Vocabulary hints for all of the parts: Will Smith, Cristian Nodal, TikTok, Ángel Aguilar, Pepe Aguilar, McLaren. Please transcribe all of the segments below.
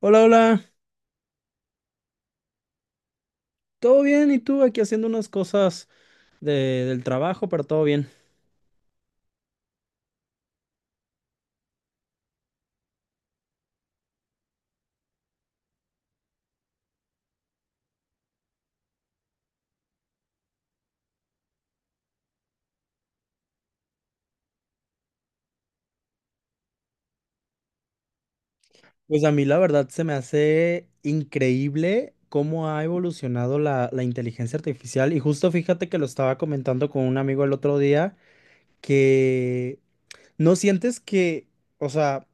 Hola, hola, ¿todo bien? ¿Y tú aquí haciendo unas cosas del trabajo, pero todo bien? Pues a mí la verdad se me hace increíble cómo ha evolucionado la inteligencia artificial y justo fíjate que lo estaba comentando con un amigo el otro día que no sientes que, o sea,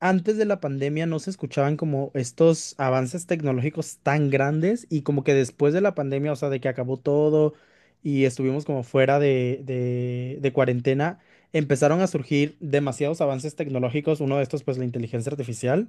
antes de la pandemia no se escuchaban como estos avances tecnológicos tan grandes y como que después de la pandemia, o sea, de que acabó todo y estuvimos como fuera de cuarentena, empezaron a surgir demasiados avances tecnológicos, uno de estos pues la inteligencia artificial.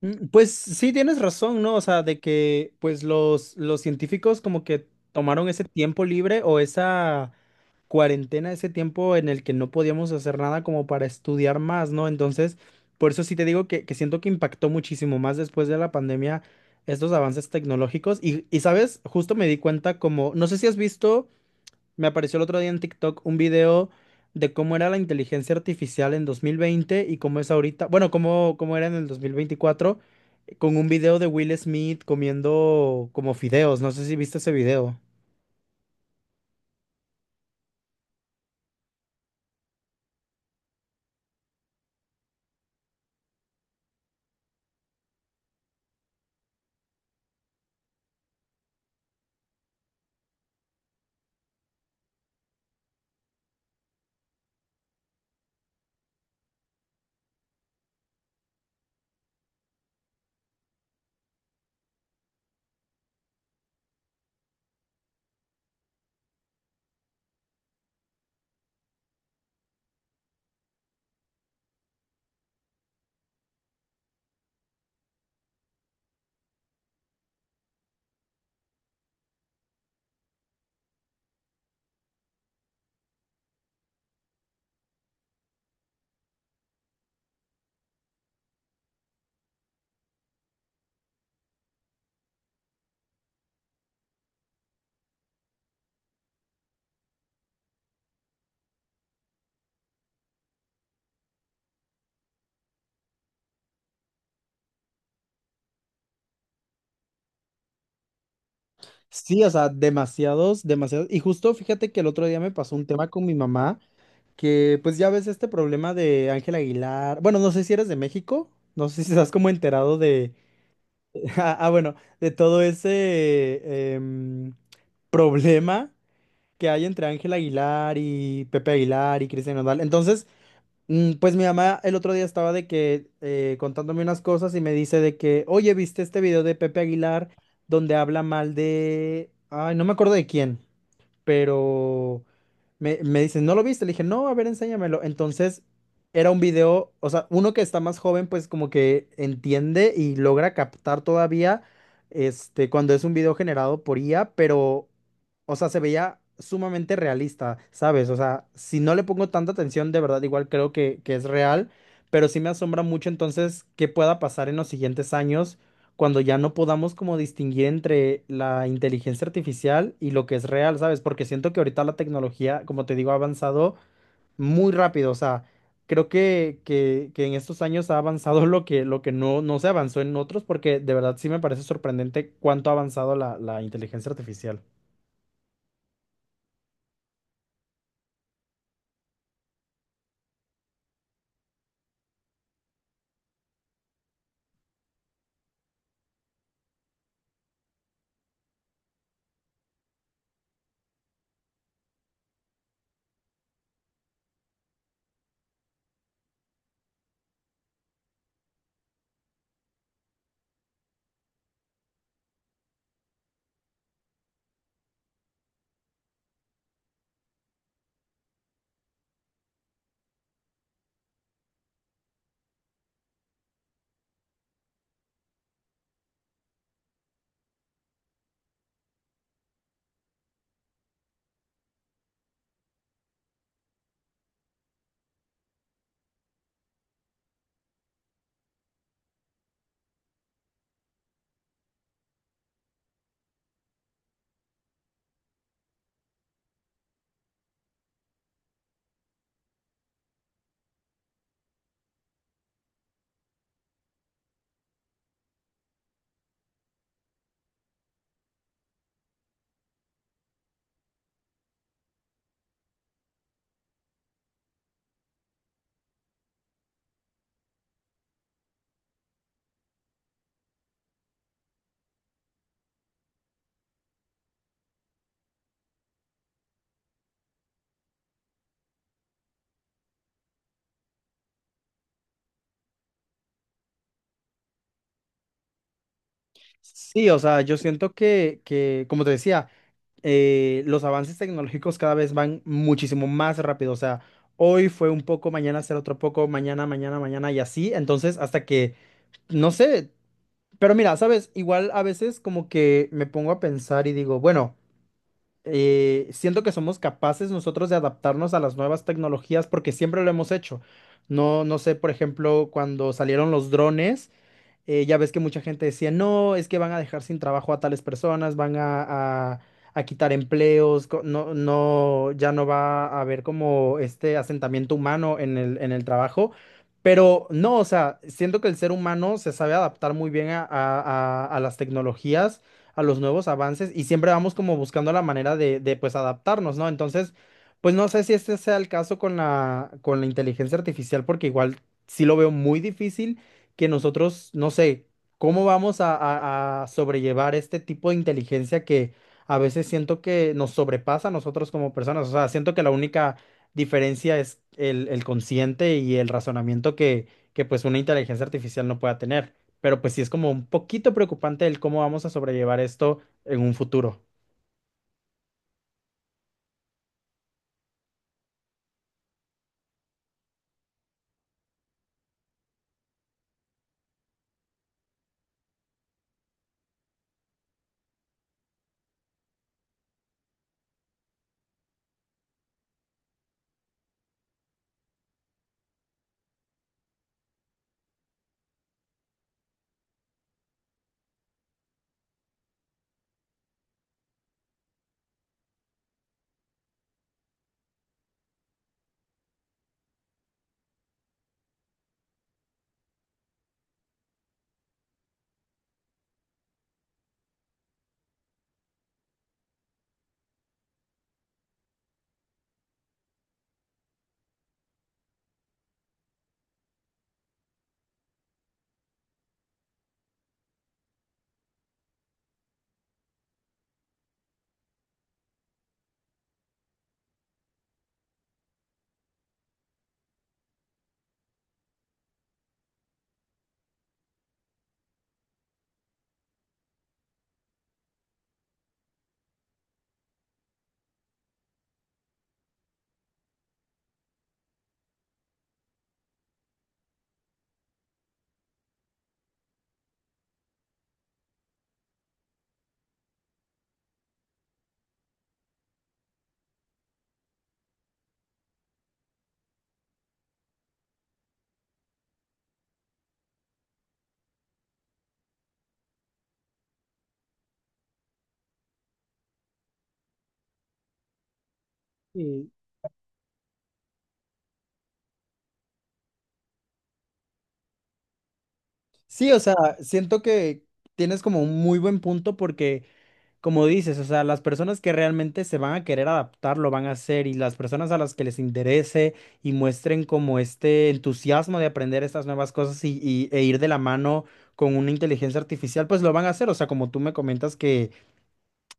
Mm, pues sí, tienes razón, ¿no? O sea, de que pues los científicos como que tomaron ese tiempo libre o esa cuarentena, ese tiempo en el que no podíamos hacer nada como para estudiar más, ¿no? Entonces, por eso sí te digo que siento que impactó muchísimo más después de la pandemia estos avances tecnológicos. Y, ¿sabes? Justo me di cuenta como, no sé si has visto, me apareció el otro día en TikTok un video de cómo era la inteligencia artificial en 2020 y cómo es ahorita, bueno, cómo era en el 2024, con un video de Will Smith comiendo como fideos. No sé si viste ese video. Sí, o sea, demasiados, demasiados. Y justo fíjate que el otro día me pasó un tema con mi mamá, que pues ya ves este problema de Ángel Aguilar. Bueno, no sé si eres de México, no sé si estás como enterado de... Ah, ah, bueno, de todo ese problema que hay entre Ángel Aguilar y Pepe Aguilar y Cristian Nodal. Entonces, mm, pues mi mamá el otro día estaba de que contándome unas cosas y me dice de que, oye, ¿viste este video de Pepe Aguilar donde habla mal de... Ay, no me acuerdo de quién, pero me dicen, ¿no lo viste? Le dije, no, a ver, enséñamelo. Entonces, era un video, o sea, uno que está más joven, pues como que entiende y logra captar todavía, este, cuando es un video generado por IA, pero, o sea, se veía sumamente realista, ¿sabes? O sea, si no le pongo tanta atención, de verdad, igual creo que es real, pero sí me asombra mucho entonces qué pueda pasar en los siguientes años cuando ya no podamos como distinguir entre la inteligencia artificial y lo que es real, ¿sabes? Porque siento que ahorita la tecnología, como te digo, ha avanzado muy rápido. O sea, creo que en estos años ha avanzado lo que, no, no se avanzó en otros, porque de verdad sí me parece sorprendente cuánto ha avanzado la inteligencia artificial. Sí, o sea, yo siento como te decía, los avances tecnológicos cada vez van muchísimo más rápido. O sea, hoy fue un poco, mañana será otro poco, mañana, mañana, mañana y así. Entonces, hasta que, no sé, pero mira, sabes, igual a veces como que me pongo a pensar y digo, bueno, siento que somos capaces nosotros de adaptarnos a las nuevas tecnologías porque siempre lo hemos hecho. No sé, por ejemplo, cuando salieron los drones. Ya ves que mucha gente decía, no, es que van a dejar sin trabajo a tales personas, van a quitar empleos, no, no, ya no va a haber como este asentamiento humano en el trabajo. Pero no, o sea, siento que el ser humano se sabe adaptar muy bien a las tecnologías, a los nuevos avances y siempre vamos como buscando la manera de pues adaptarnos, ¿no? Entonces, pues no sé si este sea el caso con la inteligencia artificial porque igual sí lo veo muy difícil que nosotros, no sé, cómo vamos a sobrellevar este tipo de inteligencia que a veces siento que nos sobrepasa a nosotros como personas. O sea, siento que la única diferencia es el consciente y el razonamiento que pues una inteligencia artificial no pueda tener. Pero pues sí es como un poquito preocupante el cómo vamos a sobrellevar esto en un futuro. Sí, sí, o sea, siento que tienes como un muy buen punto porque como dices, o sea, las personas que realmente se van a querer adaptar lo van a hacer y las personas a las que les interese y muestren como este entusiasmo de aprender estas nuevas cosas y, e ir de la mano con una inteligencia artificial, pues lo van a hacer. O sea, como tú me comentas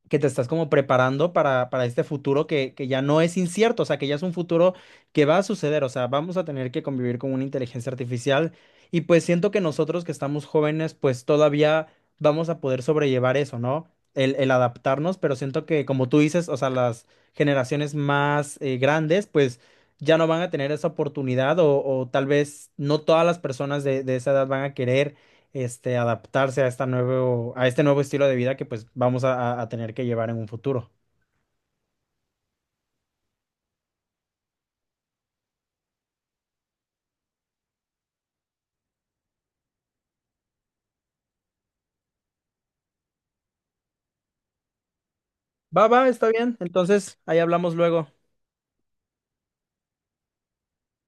que te estás como preparando para este futuro que ya no es incierto, o sea, que ya es un futuro que va a suceder, o sea, vamos a tener que convivir con una inteligencia artificial y pues siento que nosotros que estamos jóvenes, pues todavía vamos a poder sobrellevar eso, ¿no? El adaptarnos, pero siento que como tú dices, o sea, las generaciones más grandes, pues ya no van a tener esa oportunidad o tal vez no todas las personas de esa edad van a querer este, adaptarse a esta nuevo, a este nuevo estilo de vida que pues vamos a tener que llevar en un futuro. Va, va, está bien. Entonces, ahí hablamos luego.